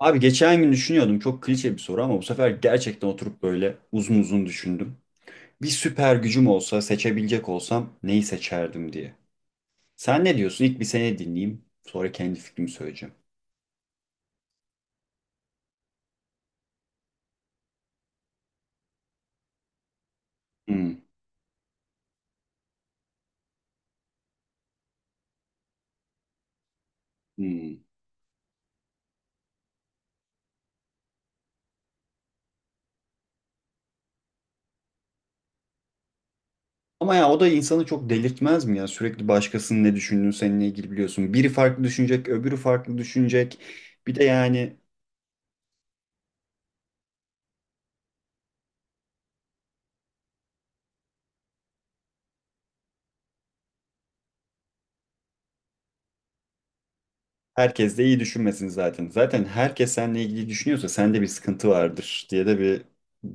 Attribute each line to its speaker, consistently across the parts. Speaker 1: Abi geçen gün düşünüyordum çok klişe bir soru ama bu sefer gerçekten oturup böyle uzun uzun düşündüm. Bir süper gücüm olsa seçebilecek olsam neyi seçerdim diye. Sen ne diyorsun? İlk bir seni dinleyeyim sonra kendi fikrimi söyleyeceğim. Hmm, hmm. Ama ya o da insanı çok delirtmez mi ya? Sürekli başkasının ne düşündüğünü seninle ilgili biliyorsun. Biri farklı düşünecek, öbürü farklı düşünecek. Bir de yani herkes de iyi düşünmesin zaten. Zaten herkes seninle ilgili düşünüyorsa sende bir sıkıntı vardır diye de bir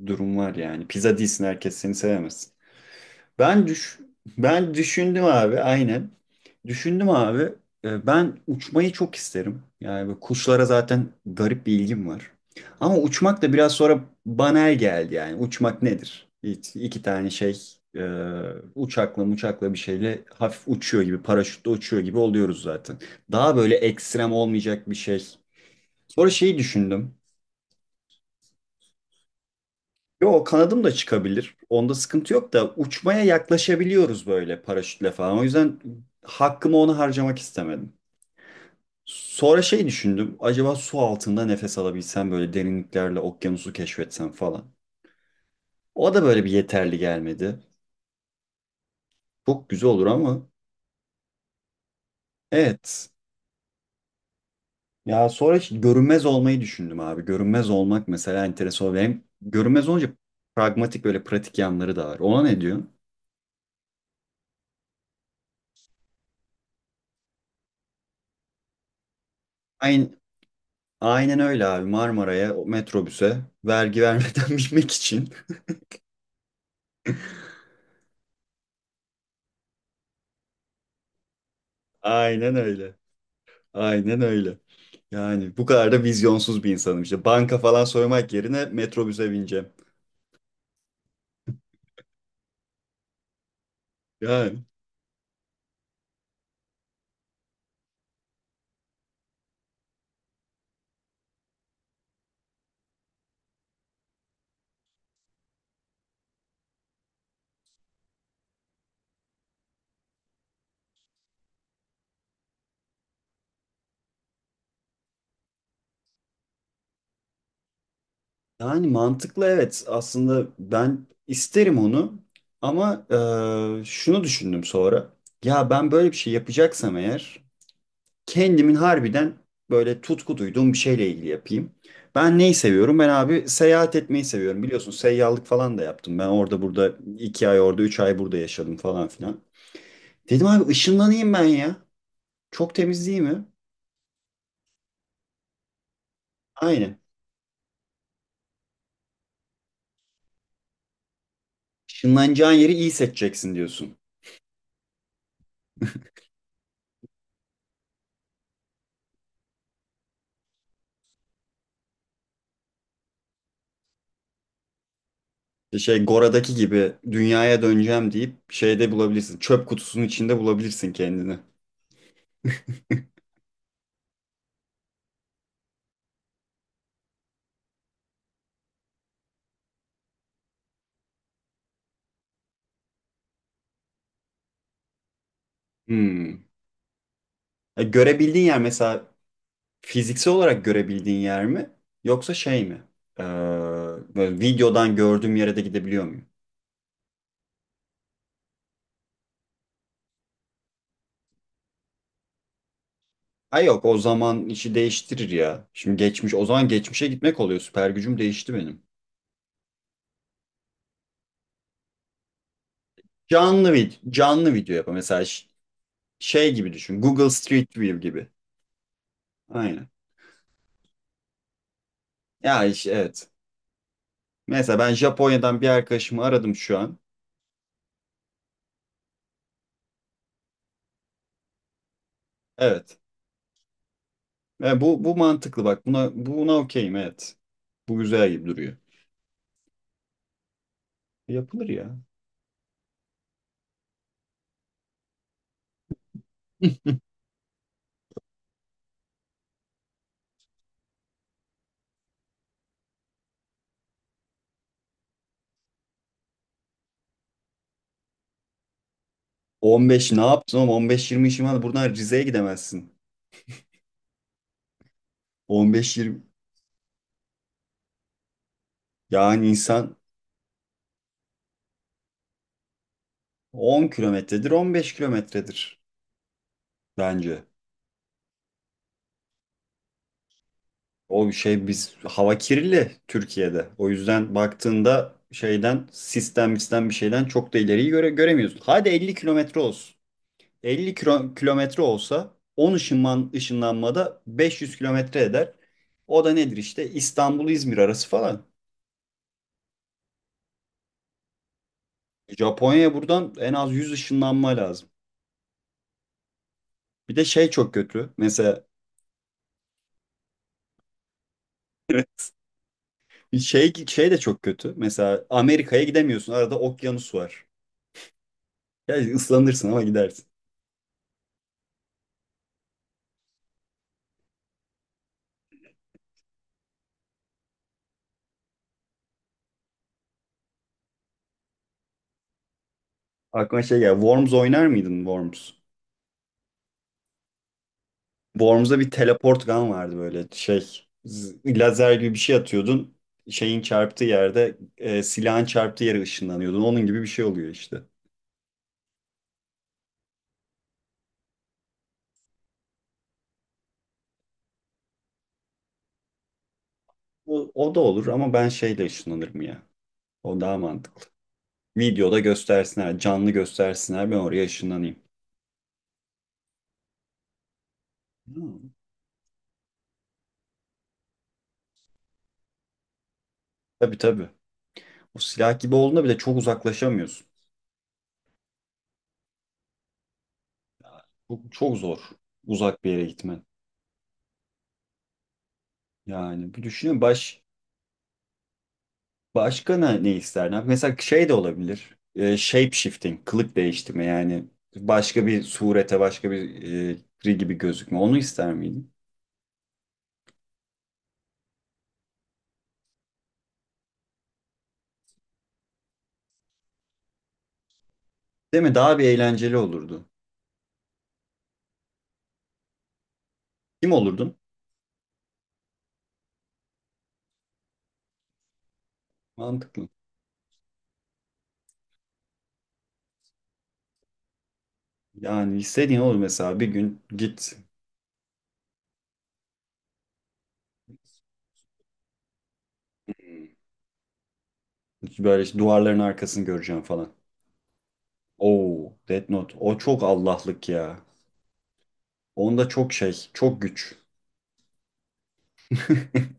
Speaker 1: durum var yani. Pizza değilsin herkes seni sevemez. Ben düş ben düşündüm abi aynen. Düşündüm abi. Ben uçmayı çok isterim. Yani böyle kuşlara zaten garip bir ilgim var. Ama uçmak da biraz sonra banal geldi yani. Uçmak nedir? İki tane şey e, uçakla bir şeyle hafif uçuyor gibi paraşütle uçuyor gibi oluyoruz zaten. Daha böyle ekstrem olmayacak bir şey. Sonra şeyi düşündüm. Yo kanadım da çıkabilir. Onda sıkıntı yok da uçmaya yaklaşabiliyoruz böyle paraşütle falan. O yüzden hakkımı ona harcamak istemedim. Sonra şey düşündüm. Acaba su altında nefes alabilsem böyle derinliklerle okyanusu keşfetsem falan. O da böyle bir yeterli gelmedi. Çok güzel olur ama evet. Ya sonra hiç görünmez olmayı düşündüm abi. Görünmez olmak mesela enteresan. Hem görünmez olunca pragmatik böyle pratik yanları da var. Ona ne diyorsun? Aynı, Aynen öyle abi Marmara'ya o metrobüse vergi vermeden binmek için. Aynen öyle. Aynen öyle. Yani bu kadar da vizyonsuz bir insanım işte. Banka falan soymak yerine metrobüse bineceğim. Yani. Yani mantıklı evet. Aslında ben isterim onu ama şunu düşündüm sonra. Ya ben böyle bir şey yapacaksam eğer kendimin harbiden böyle tutku duyduğum bir şeyle ilgili yapayım. Ben neyi seviyorum? Ben abi seyahat etmeyi seviyorum. Biliyorsun seyyahlık falan da yaptım. Ben orada burada 2 ay orada 3 ay burada yaşadım falan filan. Dedim abi ışınlanayım ben ya. Çok temiz değil mi? Aynen. Işınlanacağın yeri iyi seçeceksin diyorsun. İşte Şey Gora'daki gibi dünyaya döneceğim deyip şeyde bulabilirsin. Çöp kutusunun içinde bulabilirsin kendini. Hmm. E, görebildiğin yer mesela fiziksel olarak görebildiğin yer mi? Yoksa şey mi? Ee, böyle videodan gördüğüm yere de gidebiliyor muyum? Ay yok o zaman işi değiştirir ya. Şimdi geçmiş o zaman geçmişe gitmek oluyor. Süper gücüm değişti benim. Canlı video yap mesela şey gibi düşün. Google Street View gibi. Aynen. Ya evet. Mesela ben Japonya'dan bir arkadaşımı aradım şu an. Evet. Ve bu mantıklı bak. Buna okeyim evet. Bu güzel gibi duruyor. Yapılır ya. 15 ne yaptın oğlum? 15-20 işin var. Buradan Rize'ye gidemezsin. 15-20 yani insan 10 kilometredir 15 kilometredir bence. O şey biz hava kirli Türkiye'de. O yüzden baktığında şeyden sistem sistem bir şeyden çok da ileriyi göremiyorsun. Hadi 50 kilometre olsun. 50 kilometre olsa 10 ışınlanmada 500 kilometre eder. O da nedir işte İstanbul-İzmir arası falan. Japonya'ya buradan en az 100 ışınlanma lazım. Bir de şey çok kötü. Mesela şey de çok kötü. Mesela Amerika'ya gidemiyorsun. Arada okyanus var. Ya ıslanırsın ama gidersin. Aklıma şey geldi. Worms oynar mıydın Worms? Worms'da bir teleport gun vardı böyle şey. Lazer gibi bir şey atıyordun. Şeyin çarptığı yerde e, silahın çarptığı yere ışınlanıyordun. Onun gibi bir şey oluyor işte. O da olur ama ben şeyle ışınlanırım ya. O daha mantıklı. Videoda göstersinler, canlı göstersinler ben oraya ışınlanayım. Hmm. Tabii tabii. O silah gibi olduğunda bile çok uzaklaşamıyorsun. Çok, çok zor uzak bir yere gitmen. Yani bir düşünün başka ne isterdin? Mesela şey de olabilir. Shape shifting, kılık değiştirme yani başka bir surete, başka bir e, biri gibi gözükme. Onu ister miydin? Değil mi? Daha bir eğlenceli olurdu. Kim olurdun? Mantıklı. Yani istediğin olur mesela bir gün git böyle işte duvarların arkasını göreceğim falan. Oo, Death Note. O çok Allah'lık ya. Onda çok şey, çok güç.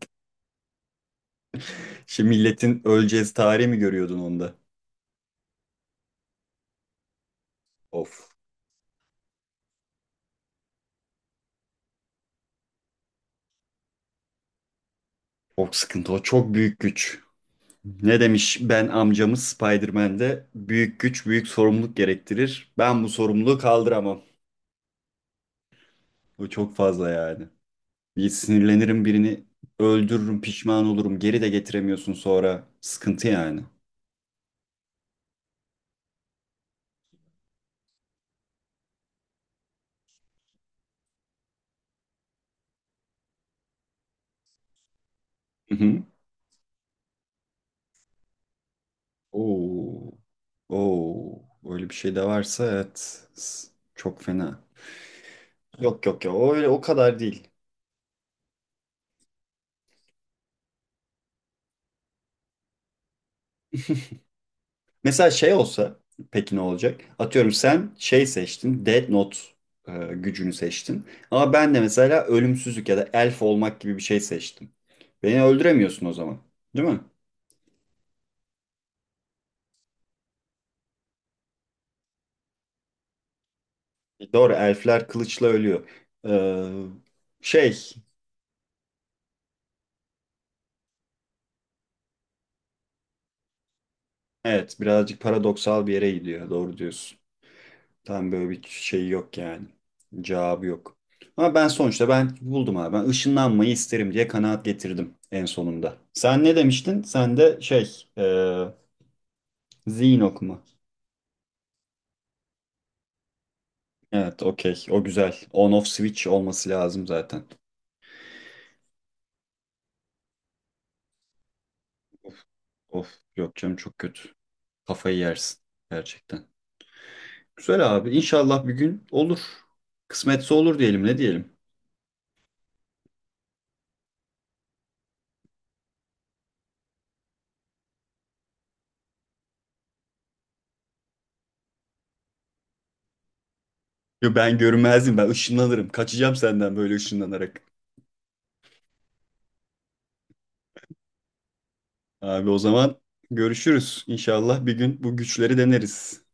Speaker 1: Şimdi milletin öleceğiz tarihi mi görüyordun onda? Of. Çok sıkıntı o. Çok büyük güç. Ne demiş ben amcamız Spider-Man'de büyük güç büyük sorumluluk gerektirir. Ben bu sorumluluğu kaldıramam. Bu çok fazla yani. Bir sinirlenirim birini öldürürüm pişman olurum geri de getiremiyorsun sonra. Sıkıntı yani. Hı hı. Oo. Oo. Öyle bir şey de varsa evet. Çok fena. Yok yok ya o öyle o kadar değil. Mesela şey olsa peki ne olacak? Atıyorum sen şey seçtin, Death Note gücünü seçtin. Ama ben de mesela ölümsüzlük ya da elf olmak gibi bir şey seçtim. Beni öldüremiyorsun o zaman. Değil mi? Doğru, elfler kılıçla ölüyor. Ee, şey, evet birazcık paradoksal bir yere gidiyor. Doğru diyorsun. Tam böyle bir şey yok yani. Cevabı yok. Ama ben sonuçta ben buldum abi. Ben ışınlanmayı isterim diye kanaat getirdim en sonunda. Sen ne demiştin? Sen de Zinok mu? Evet, okey. O güzel. On off switch olması lazım zaten. Of, of. Yok canım çok kötü. Kafayı yersin gerçekten. Güzel abi. İnşallah bir gün olur. Kısmetse olur diyelim. Ne diyelim? Yo, ben görünmezdim. Ben ışınlanırım. Kaçacağım senden böyle ışınlanarak. Abi o zaman görüşürüz. İnşallah bir gün bu güçleri deneriz.